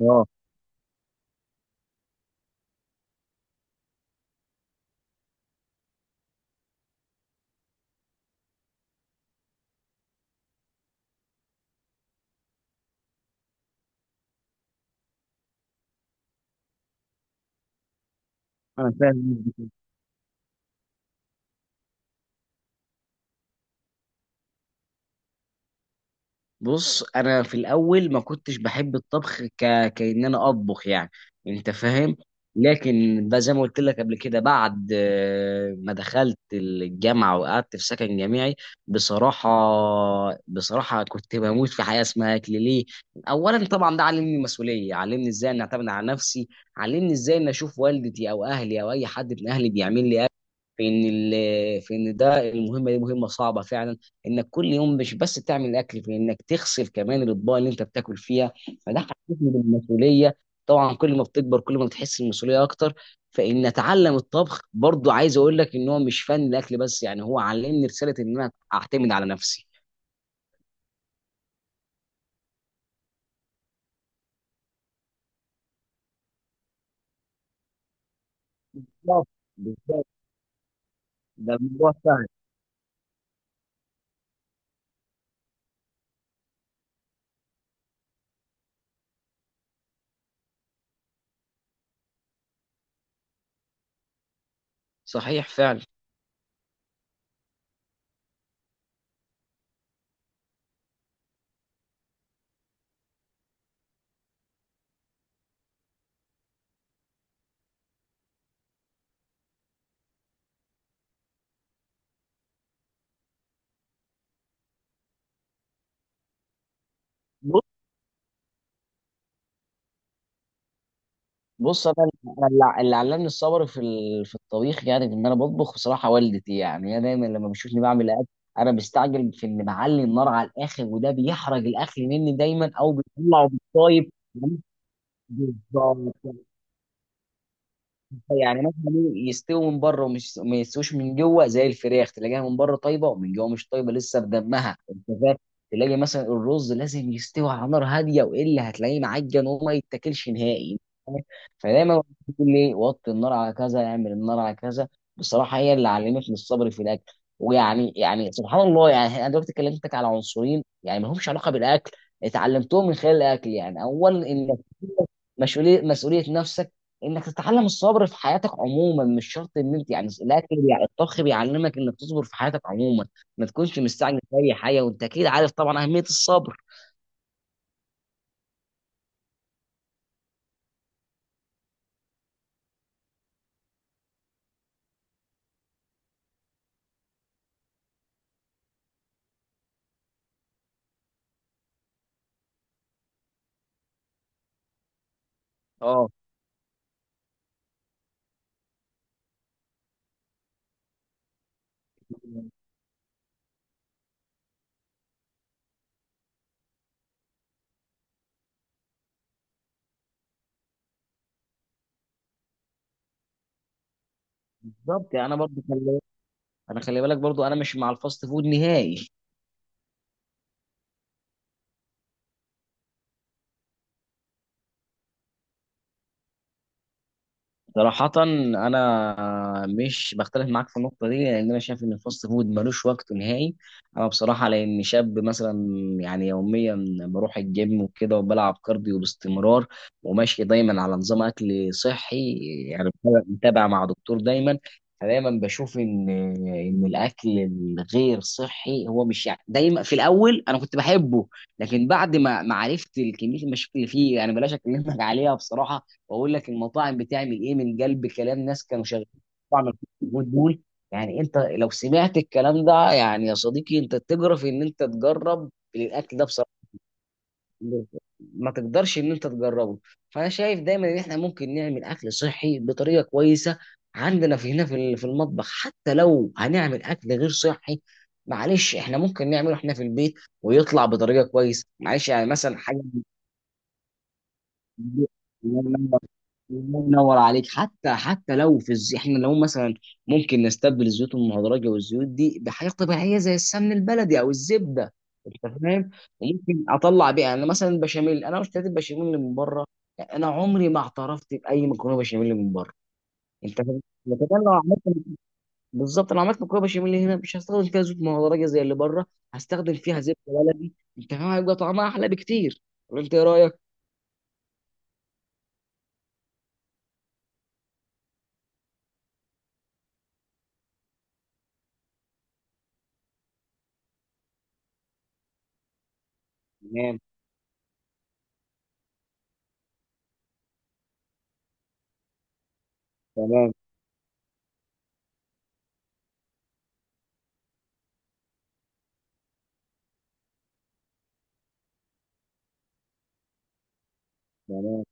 اه، انا فاهم. بص، انا في الاول ما كنتش بحب الطبخ كأن انا اطبخ، يعني انت فاهم. لكن بقى زي ما قلت لك قبل كده بعد ما دخلت الجامعه وقعدت في سكن جامعي. بصراحه بصراحه كنت بموت في حياه اسمها اكل ليه. اولا طبعا ده علمني المسؤوليه، علمني ازاي ان اعتمد على نفسي، علمني ازاي ان اشوف والدتي او اهلي او اي حد من اهلي بيعمل لي، في ان ده المهمه دي مهمه صعبه فعلا، انك كل يوم مش بس تعمل الاكل في انك تغسل كمان الاطباق اللي انت بتاكل فيها. فده حسسني بالمسؤوليه. طبعا كل ما بتكبر كل ما بتحس المسؤوليه اكتر. فان اتعلم الطبخ برضو عايز اقول لك ان هو مش فن الاكل بس، يعني هو علمني رساله ان انا اعتمد على نفسي. بالظبط. بالظبط. ده الموضوع فعلا. صحيح فعلا. بص، أنا اللي علمني الصبر في الطبيخ، يعني ان انا بطبخ بصراحه، والدتي يعني هي دايما لما بتشوفني بعمل اكل، انا بستعجل في ان بعلي النار على الاخر وده بيحرق الاكل مني دايما او بيطلعه بالطايب. بالظبط. يعني مثلا يستووا من بره ومش ما يستووش من جوه، زي الفراخ تلاقيها من بره طيبه ومن جوه مش طيبه لسه بدمها، انت فاهم؟ تلاقي مثلا الرز لازم يستوي على نار هاديه والا هتلاقيه معجن وما يتاكلش نهائي. أنت فاهم؟ فدايما بقول لي وطي النار على كذا، اعمل النار على كذا. بصراحه هي اللي علمتني الصبر في الاكل. ويعني يعني سبحان الله، يعني انا دلوقتي كلمتك على عنصرين يعني ما همش علاقه بالاكل، اتعلمتهم من خلال الاكل. يعني اولا انك مسؤوليه نفسك، انك تتعلم الصبر في حياتك عموما، مش شرط ان انت يعني الاكل، يعني الطبخ بيعلمك انك تصبر في حياتك عموما، ما تكونش مستعجل في اي حاجه. وانت اكيد عارف طبعا اهميه الصبر. اه، بالظبط. يعني انا برضو انا خلي بالك برضو انا مش مع الفاست فود نهائي. صراحة أنا مش بختلف معاك في النقطة دي، لأن أنا شايف إن الفاست فود ملوش وقت نهائي، أنا بصراحة لأن شاب مثلا يعني يوميا بروح الجيم وكده وبلعب كارديو باستمرار، وماشي دايما على نظام أكل صحي، يعني متابع مع دكتور دايما. فدايما بشوف إن الأكل الغير صحي هو مش يعني دايما، في الأول أنا كنت بحبه، لكن بعد ما عرفت كمية المشاكل اللي فيه، يعني بلاش أكلمك عليها بصراحة، واقول لك المطاعم بتعمل ايه، من قلب كلام ناس كانوا شغالين في مطاعم، الكومود دول. يعني انت لو سمعت الكلام ده يعني يا صديقي انت تجرف ان انت تجرب الاكل ده بصراحه، ما تقدرش ان انت تجربه. فانا شايف دايما ان احنا ممكن نعمل اكل صحي بطريقه كويسه عندنا في هنا في المطبخ، حتى لو هنعمل اكل غير صحي، معلش احنا ممكن نعمله احنا في البيت، ويطلع بطريقه كويسه، معلش، يعني مثلا حاجه. الله ينور، الله ينور عليك. حتى لو احنا لو مثلا ممكن نستبدل الزيوت المهدرجه والزيوت دي بحاجه طبيعيه زي السمن البلدي او الزبده، انت فاهم، وممكن اطلع بيها. انا مثلا البشاميل، انا اشتريت البشاميل اللي من بره. يعني انا عمري ما اعترفت باي مكرونه بشاميل من بره، انت فاهم؟ لكن انا لو عملت، بالظبط انا عملت مكرونه بشاميل هنا، مش هستخدم فيها زيوت مهدرجه زي اللي بره، هستخدم فيها زبده بلدي، انت فاهم هيبقى طعمها احلى بكتير؟ ولا انت ايه رايك؟ تمام. تمام. تمام.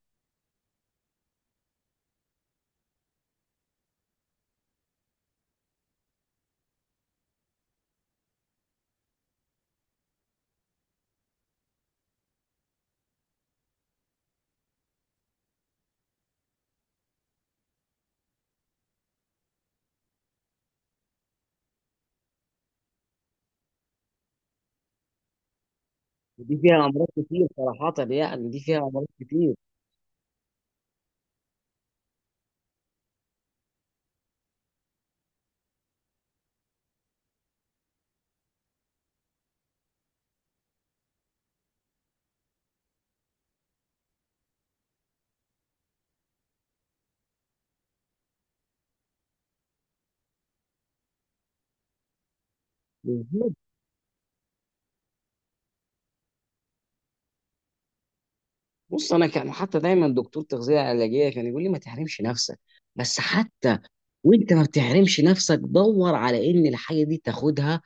دي فيها امراض كتير صراحه، يعني دي فيها امراض كتير. بالظبط. بص، انا كان حتى دايما دكتور تغذيه علاجيه كان يقول لي ما تحرمش نفسك، بس حتى وانت ما بتحرمش نفسك دور على ان الحاجه دي تاخدها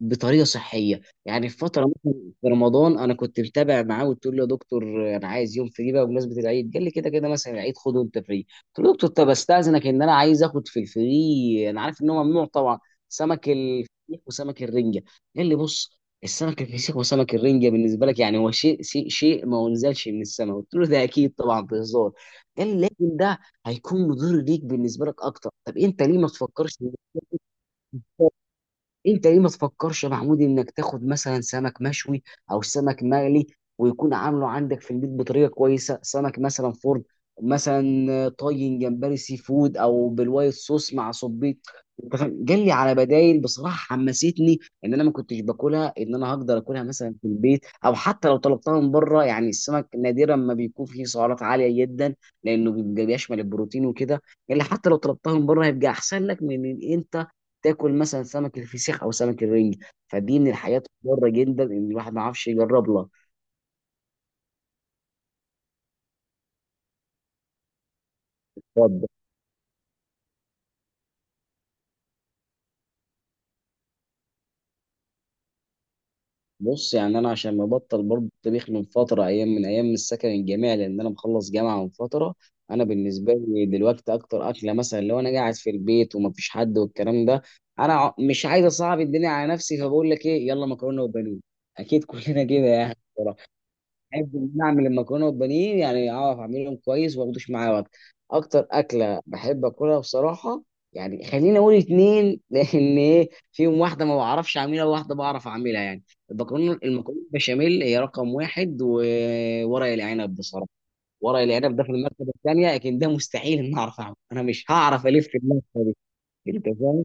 بطريقه صحيه. يعني في فتره مثلا في رمضان انا كنت متابع معاه وقلت له يا دكتور انا عايز يوم فري بقى بمناسبه العيد، قال لي كده كده مثلا العيد خده انت فري. قلت له دكتور، طب استاذنك ان انا عايز اخد في الفري، انا عارف ان هو ممنوع طبعا، سمك الفسيخ وسمك الرنجه. قال لي بص، السمك الفسيخ وسمك الرنجه بالنسبه لك يعني هو شيء ما انزلش من السماء. قلت له ده اكيد طبعا بهزار. قال لي لكن ده هيكون مضر ليك بالنسبه لك اكتر، طب انت ليه ما تفكرش، انت ليه ما تفكرش يا محمود انك تاخد مثلا سمك مشوي او سمك مقلي ويكون عامله عندك في البيت بطريقه كويسه، سمك مثلا فرن، مثلا طاجن جمبري سي فود او بالوايت صوص مع صبيط، انت فاهم؟ قال لي على بدايل، بصراحه حمستني ان انا ما كنتش باكلها ان انا هقدر اكلها مثلا في البيت، او حتى لو طلبتها من بره، يعني السمك نادرا ما بيكون فيه سعرات عاليه جدا لانه بيبقى بيشمل البروتين وكده. قال لي حتى لو طلبتها من بره هيبقى احسن لك من ان انت تاكل مثلا سمك الفسيخ او سمك الرنج. فدي من الحاجات المضره جدا ان الواحد ما عرفش يجرب لها. طب بص، يعني انا عشان مبطل برضه الطبيخ من فتره، ايام من ايام السكن الجامعي لان انا مخلص جامعه من فتره. انا بالنسبه لي دلوقتي اكتر اكله مثلا لو انا قاعد في البيت ومفيش حد والكلام ده، انا مش عايز اصعب الدنيا على نفسي، فبقول لك ايه، يلا مكرونه وبانيه. اكيد كلنا كده يعني. بحب ان انا اعمل المكرونه والبانيه، يعني اعرف اعملهم كويس وما اخدوش معايا وقت. اكتر اكله بحب اكلها بصراحه، يعني خليني اقول اتنين لان ايه فيهم واحده ما بعرفش اعملها وواحده بعرف اعملها يعني. المكرونه البشاميل هي رقم واحد، وورق العنب بصراحه. ورق العنب ده في المرتبه الثانيه لكن ده مستحيل ان اعرف اعمله، انا مش هعرف الف في المرتبه دي، انت فاهم؟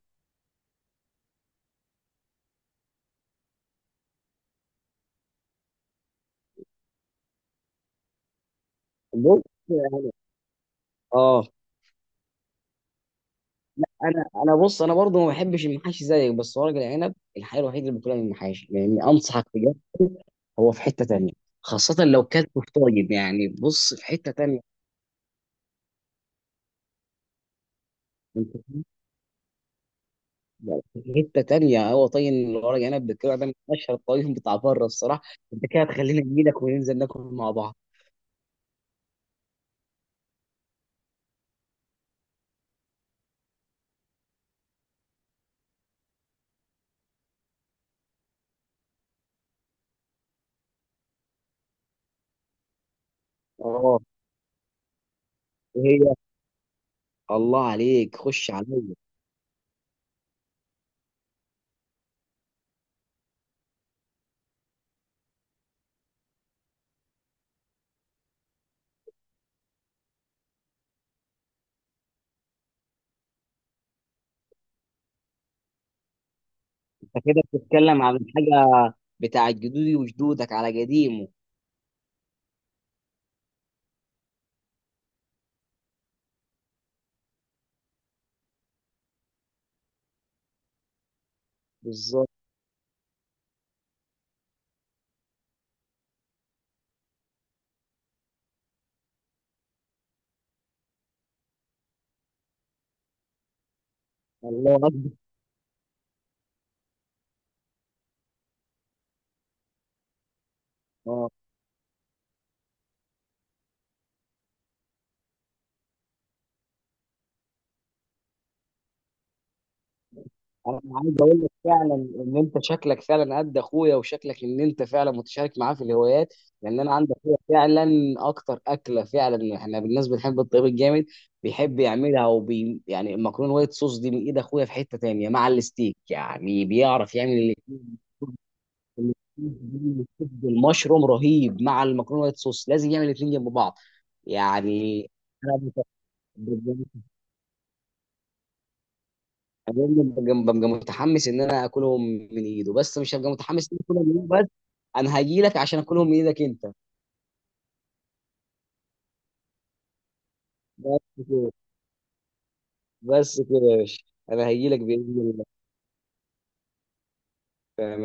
بص. اه، انا بص انا برضو ما بحبش المحاشي زيك، بس ورق العنب الحاجه الوحيده اللي باكلها من المحاشي، لاني انصحك بجد، هو في حتة تانية، خاصة لو كلته في طاجن، يعني بص في حتة تانية، انت في حتة تانية، هو طاجن الورق عنب بالكوع ده من اشهر الطاجن بتاع بره الصراحة. انت كده هتخلينا اجي لك وننزل ناكل مع بعض. اه، وهي الله عليك، خش عليا. انت كده بتتكلم عن حاجة بتاعت جدودي وجدودك على قديمه. بالظبط. الله اكبر. اه، انا عايز اقول لك فعلا ان انت شكلك فعلا قد اخويا وشكلك ان انت فعلا متشارك معاه في الهوايات، لان انا عندي اخويا فعلا. اكتر اكله فعلا احنا بالناس بنحب الطيب الجامد بيحب يعملها، يعني المكرونه وايت صوص دي من ايد اخويا، في حته تانية مع الستيك، يعني بيعرف يعمل الاثنين. المشروم رهيب مع المكرونه وايت صوص، لازم يعمل الاثنين جنب بعض. يعني انا انا ببقى متحمس ان انا اكلهم من ايده بس، مش هبقى متحمس ان انا اكلهم من ايده بس، انا هاجي لك عشان اكلهم من ايدك انت. بس كده، بس كده يا باشا، انا هاجي لك باذن الله.